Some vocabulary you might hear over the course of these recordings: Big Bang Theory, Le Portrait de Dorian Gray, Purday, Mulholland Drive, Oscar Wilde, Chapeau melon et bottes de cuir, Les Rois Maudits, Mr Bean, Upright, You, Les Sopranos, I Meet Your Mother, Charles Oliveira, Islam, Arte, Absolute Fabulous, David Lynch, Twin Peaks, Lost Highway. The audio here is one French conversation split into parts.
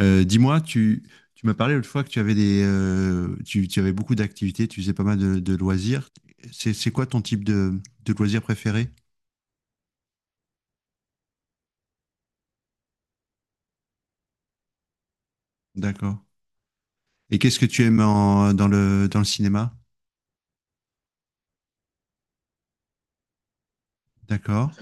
Dis-moi, tu m'as parlé l'autre fois que tu avais tu avais beaucoup d'activités, tu faisais pas mal de loisirs. C'est quoi ton type de loisir préféré? D'accord. Et qu'est-ce que tu aimes dans le cinéma? D'accord.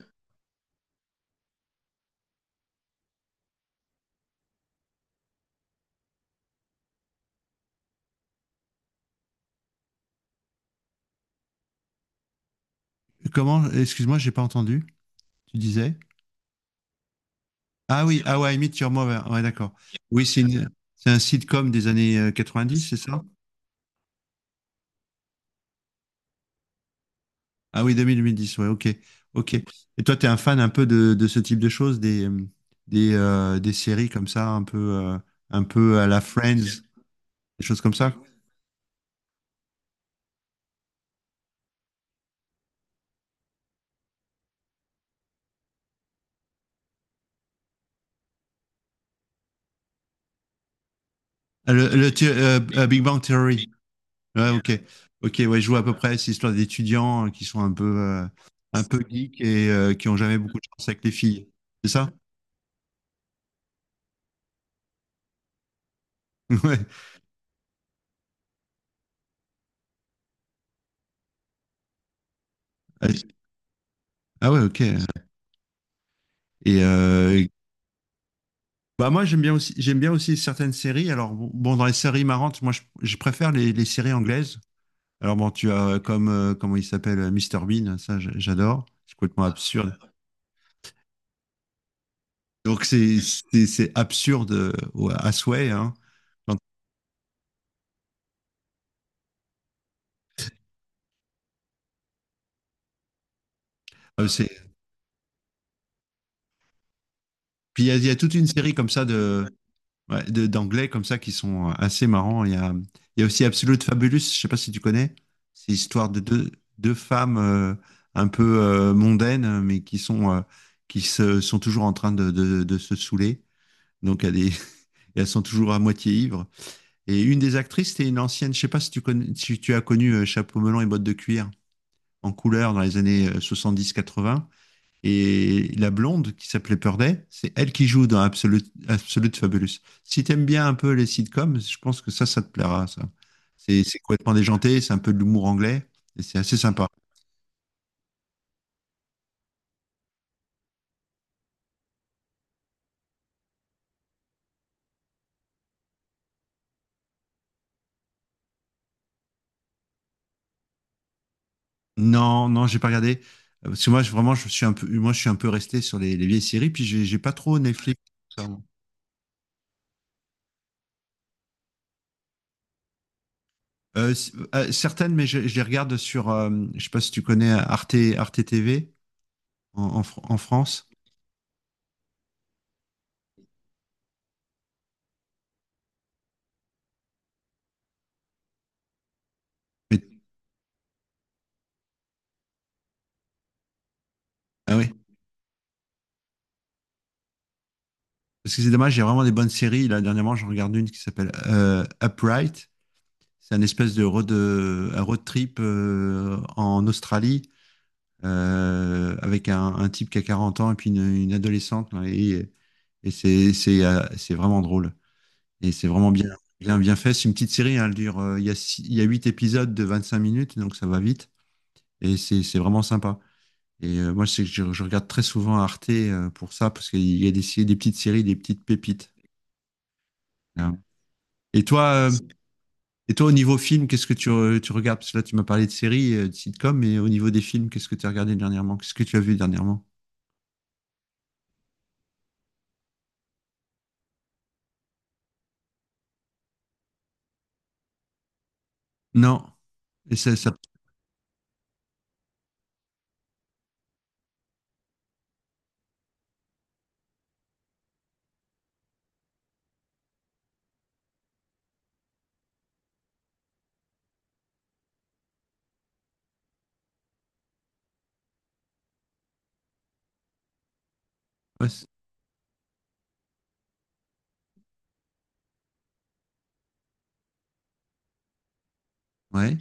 Comment, excuse-moi, j'ai pas entendu. Tu disais? Ah oui, ah ouais, I Meet Your Mother. Ouais, d'accord. Oui, c'est un sitcom des années dix, c'est ça? Ah oui, 2010, ouais, ok. Ok. Et toi, tu es un fan un peu de ce type de choses, des séries comme ça, un peu à la Friends, des choses comme ça? Ah, Big Bang Theory. Ouais, ok. Ok, ouais, je vois à peu près cette histoire d'étudiants qui sont un peu geeks et qui ont jamais beaucoup de chance avec les filles. C'est ça? Ouais. Ah ouais, ok. Et euh, Bah moi j'aime bien aussi certaines séries. Alors bon, dans les séries marrantes, moi je préfère les séries anglaises. Alors bon, tu as comme comment il s'appelle, Mr Bean, ça j'adore. C'est complètement absurde. Donc c'est absurde, à souhait, hein. Quand- euh, c'est- Puis il y a toute une série comme ça de. Ouais, d'anglais comme ça qui sont assez marrants. Il y a aussi Absolute Fabulous, je sais pas si tu connais. C'est l'histoire de deux femmes un peu mondaines, mais qui sont toujours en train de se saouler. Donc elles, est- Elles sont toujours à moitié ivres. Et une des actrices, c'était une ancienne, je sais pas si tu connais, si tu as connu Chapeau melon et bottes de cuir en couleur dans les années soixante-dix quatre-vingts, et la blonde qui s'appelait Purday, c'est elle qui joue dans Absolute Fabulous. Si t'aimes bien un peu les sitcoms, je pense que ça te plaira, ça. C'est complètement déjanté, c'est un peu de l'humour anglais, et c'est assez sympa. Non, non, j'ai pas regardé. Parce que moi, vraiment, je suis un peu, moi, je suis un peu resté sur les vieilles séries, puis j'ai pas trop Netflix. Pardon. Certaines, mais je les regarde sur, je sais pas si tu connais Arte TV en France. Mais- ah oui. Parce que c'est dommage, il y a vraiment des bonnes séries. Là, dernièrement, j'en regarde une qui s'appelle Upright. C'est un espèce de road trip en Australie, avec un type qui a 40 ans et puis une adolescente là. Et c'est vraiment drôle. Et c'est vraiment bien, bien, bien fait. C'est une petite série, hein. Elle dure, il y a 8 épisodes de 25 minutes, donc ça va vite. Et c'est vraiment sympa. Moi, c'est que je regarde très souvent Arte pour ça, parce qu'il y a des petites séries, des petites pépites. Hein. Et toi, euh, et toi, au niveau film, qu'est-ce que tu regardes? Parce que là, tu m'as parlé de séries, de sitcoms, mais au niveau des films, qu'est-ce que tu as regardé dernièrement? Qu'est-ce que tu as vu dernièrement? Non. Et ça passe. Ouais,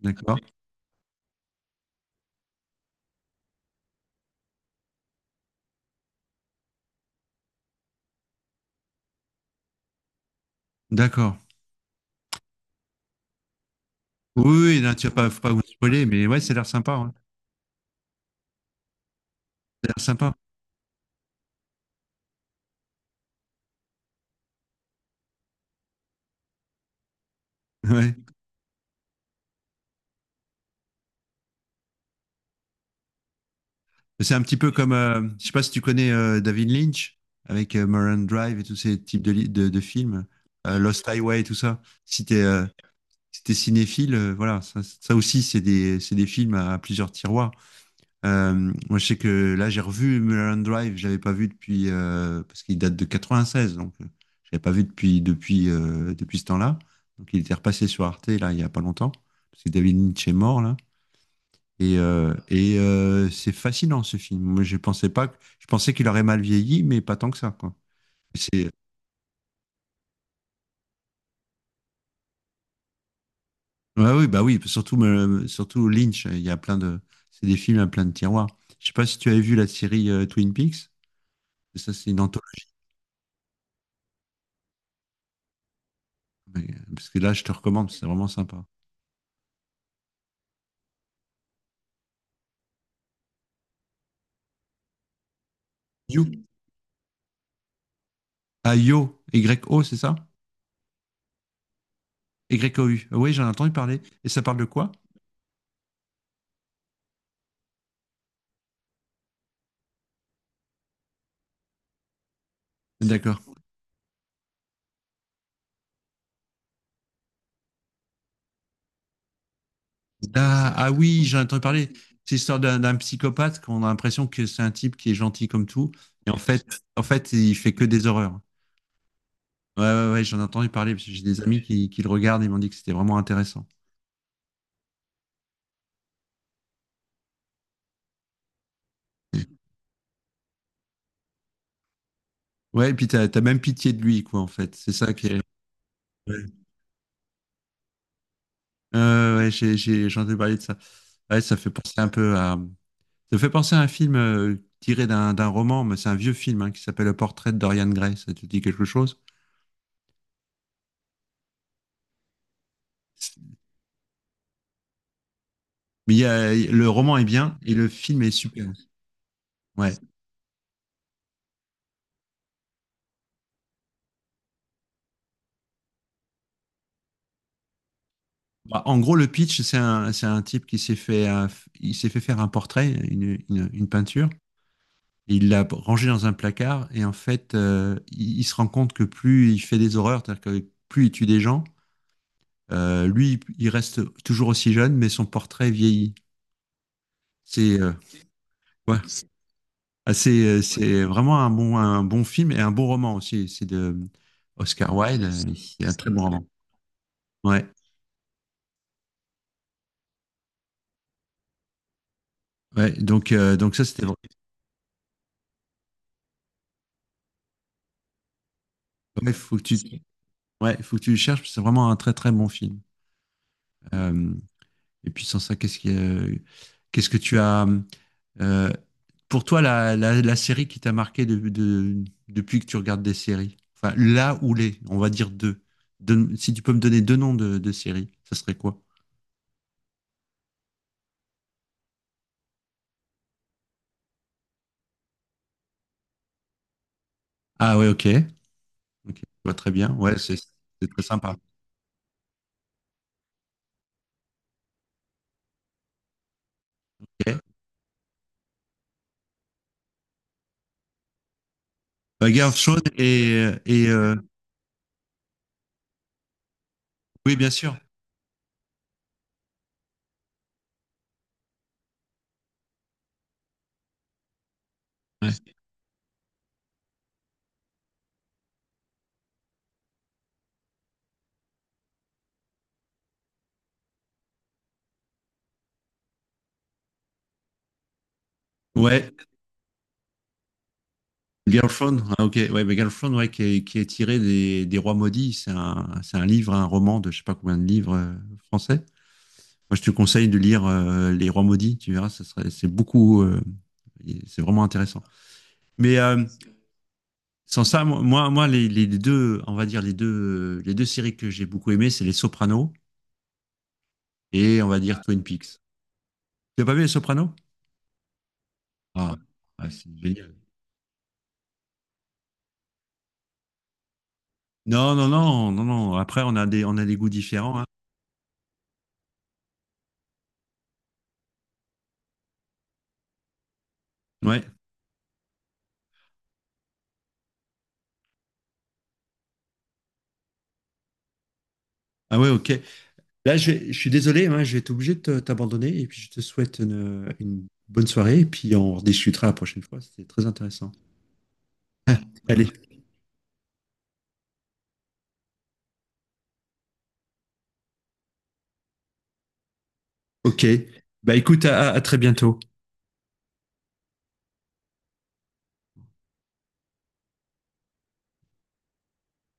d'accord. D'accord. Oui, oui, oui, là, tu vas pas, faut pas vous spoiler, mais ouais, ça a l'air sympa, hein. Ça a l'air sympa. Ouais. C'est un petit peu comme, je sais pas si tu connais David Lynch avec Mulholland Drive et tous ces types de films, Lost Highway, tout ça. Si t'es cinéphile, voilà, ça aussi, c'est des films à plusieurs tiroirs. Euh, Moi, je sais que là, j'ai revu Mulholland Drive, je l'avais pas vu parce qu'il date de 96, donc je l'avais pas vu depuis ce temps-là. Donc, il était repassé sur Arte, là, il y a pas longtemps, parce que David Lynch est mort, là. C'est fascinant, ce film. Moi, je pensais pas, que- je pensais qu'il aurait mal vieilli, mais pas tant que ça, quoi. C'est, Ouais, oui, bah oui, surtout, surtout Lynch, il y a plein de, c'est des films à plein de tiroirs. Je sais pas si tu avais vu la série Twin Peaks, ça, c'est une anthologie. Parce que là, je te recommande, c'est vraiment sympa. You. Ah, Yo, Y-O, c'est ça? Y-O-U. Ah, oui, j'en ai entendu parler. Et ça parle de quoi? D'accord. Ah, ah oui, j'en ai entendu parler. C'est l'histoire d'un psychopathe qu'on a l'impression que c'est un type qui est gentil comme tout. Et en fait, il fait que des horreurs. Ouais, ouais, ouais, j'en ai entendu parler parce que j'ai des amis qui le regardent et m'ont dit que c'était vraiment intéressant. Ouais, et puis t'as même pitié de lui, quoi, en fait. C'est ça qui est. Ouais, ouais, ouais, j'ai entendu parler de ça. Ouais, ça fait penser un peu à, Ça me fait penser à un film tiré d'un roman, mais c'est un vieux film, hein, qui s'appelle Le Portrait de Dorian Gray. Ça te dit quelque chose? Le roman est bien et le film est super. Ouais. Bah, en gros, le pitch, c'est un type qui il s'est fait faire un portrait, une peinture. Et il l'a rangé dans un placard et en fait, il se rend compte que plus il fait des horreurs, c'est-à-dire que plus il tue des gens, lui, il reste toujours aussi jeune, mais son portrait vieillit. C'est Ouais. C'est vraiment un bon film et un bon roman aussi. C'est de Oscar Wilde. C'est un très bon roman. Ouais, ouais. Donc ça, c'était vrai. Ouais, faut que tu, ouais, faut que tu le cherches, parce que c'est vraiment un très très bon film. Euh, et puis sans ça, qu'est-ce que tu as euh, pour toi la série qui t'a marqué depuis que tu regardes des séries? Enfin, là ou les, on va dire deux. Si tu peux me donner deux noms de séries, ça serait quoi? Ah ouais, ok. Ok, je vois très bien. Ouais, c'est très sympa. Ok. Girlfriend oui, bien sûr. Ouais, ouais, Girlfriend. Ah, ok, ouais, mais Girlfriend, ouais, qui est tiré des Rois Maudits. C'est un livre, un roman de je sais pas combien de livres français. Moi, je te conseille de lire Les Rois Maudits. Tu verras, c'est beaucoup, et c'est vraiment intéressant. Mais euh, Sans ça, moi, les deux, on va dire les deux séries que j'ai beaucoup aimées, c'est Les Sopranos et on va dire Twin Peaks. Tu as pas vu Les Sopranos? Ah, ah, c'est génial. Non, non, non, non, non. Après, on a des goûts différents, hein. Ouais. Ah ouais, ok. Là, je suis désolé, hein, je vais être obligé de t'abandonner. Et puis, je te souhaite une bonne soirée. Et puis, on rediscutera la prochaine fois. C'était très intéressant. Allez, ok. Bah écoute, à très bientôt.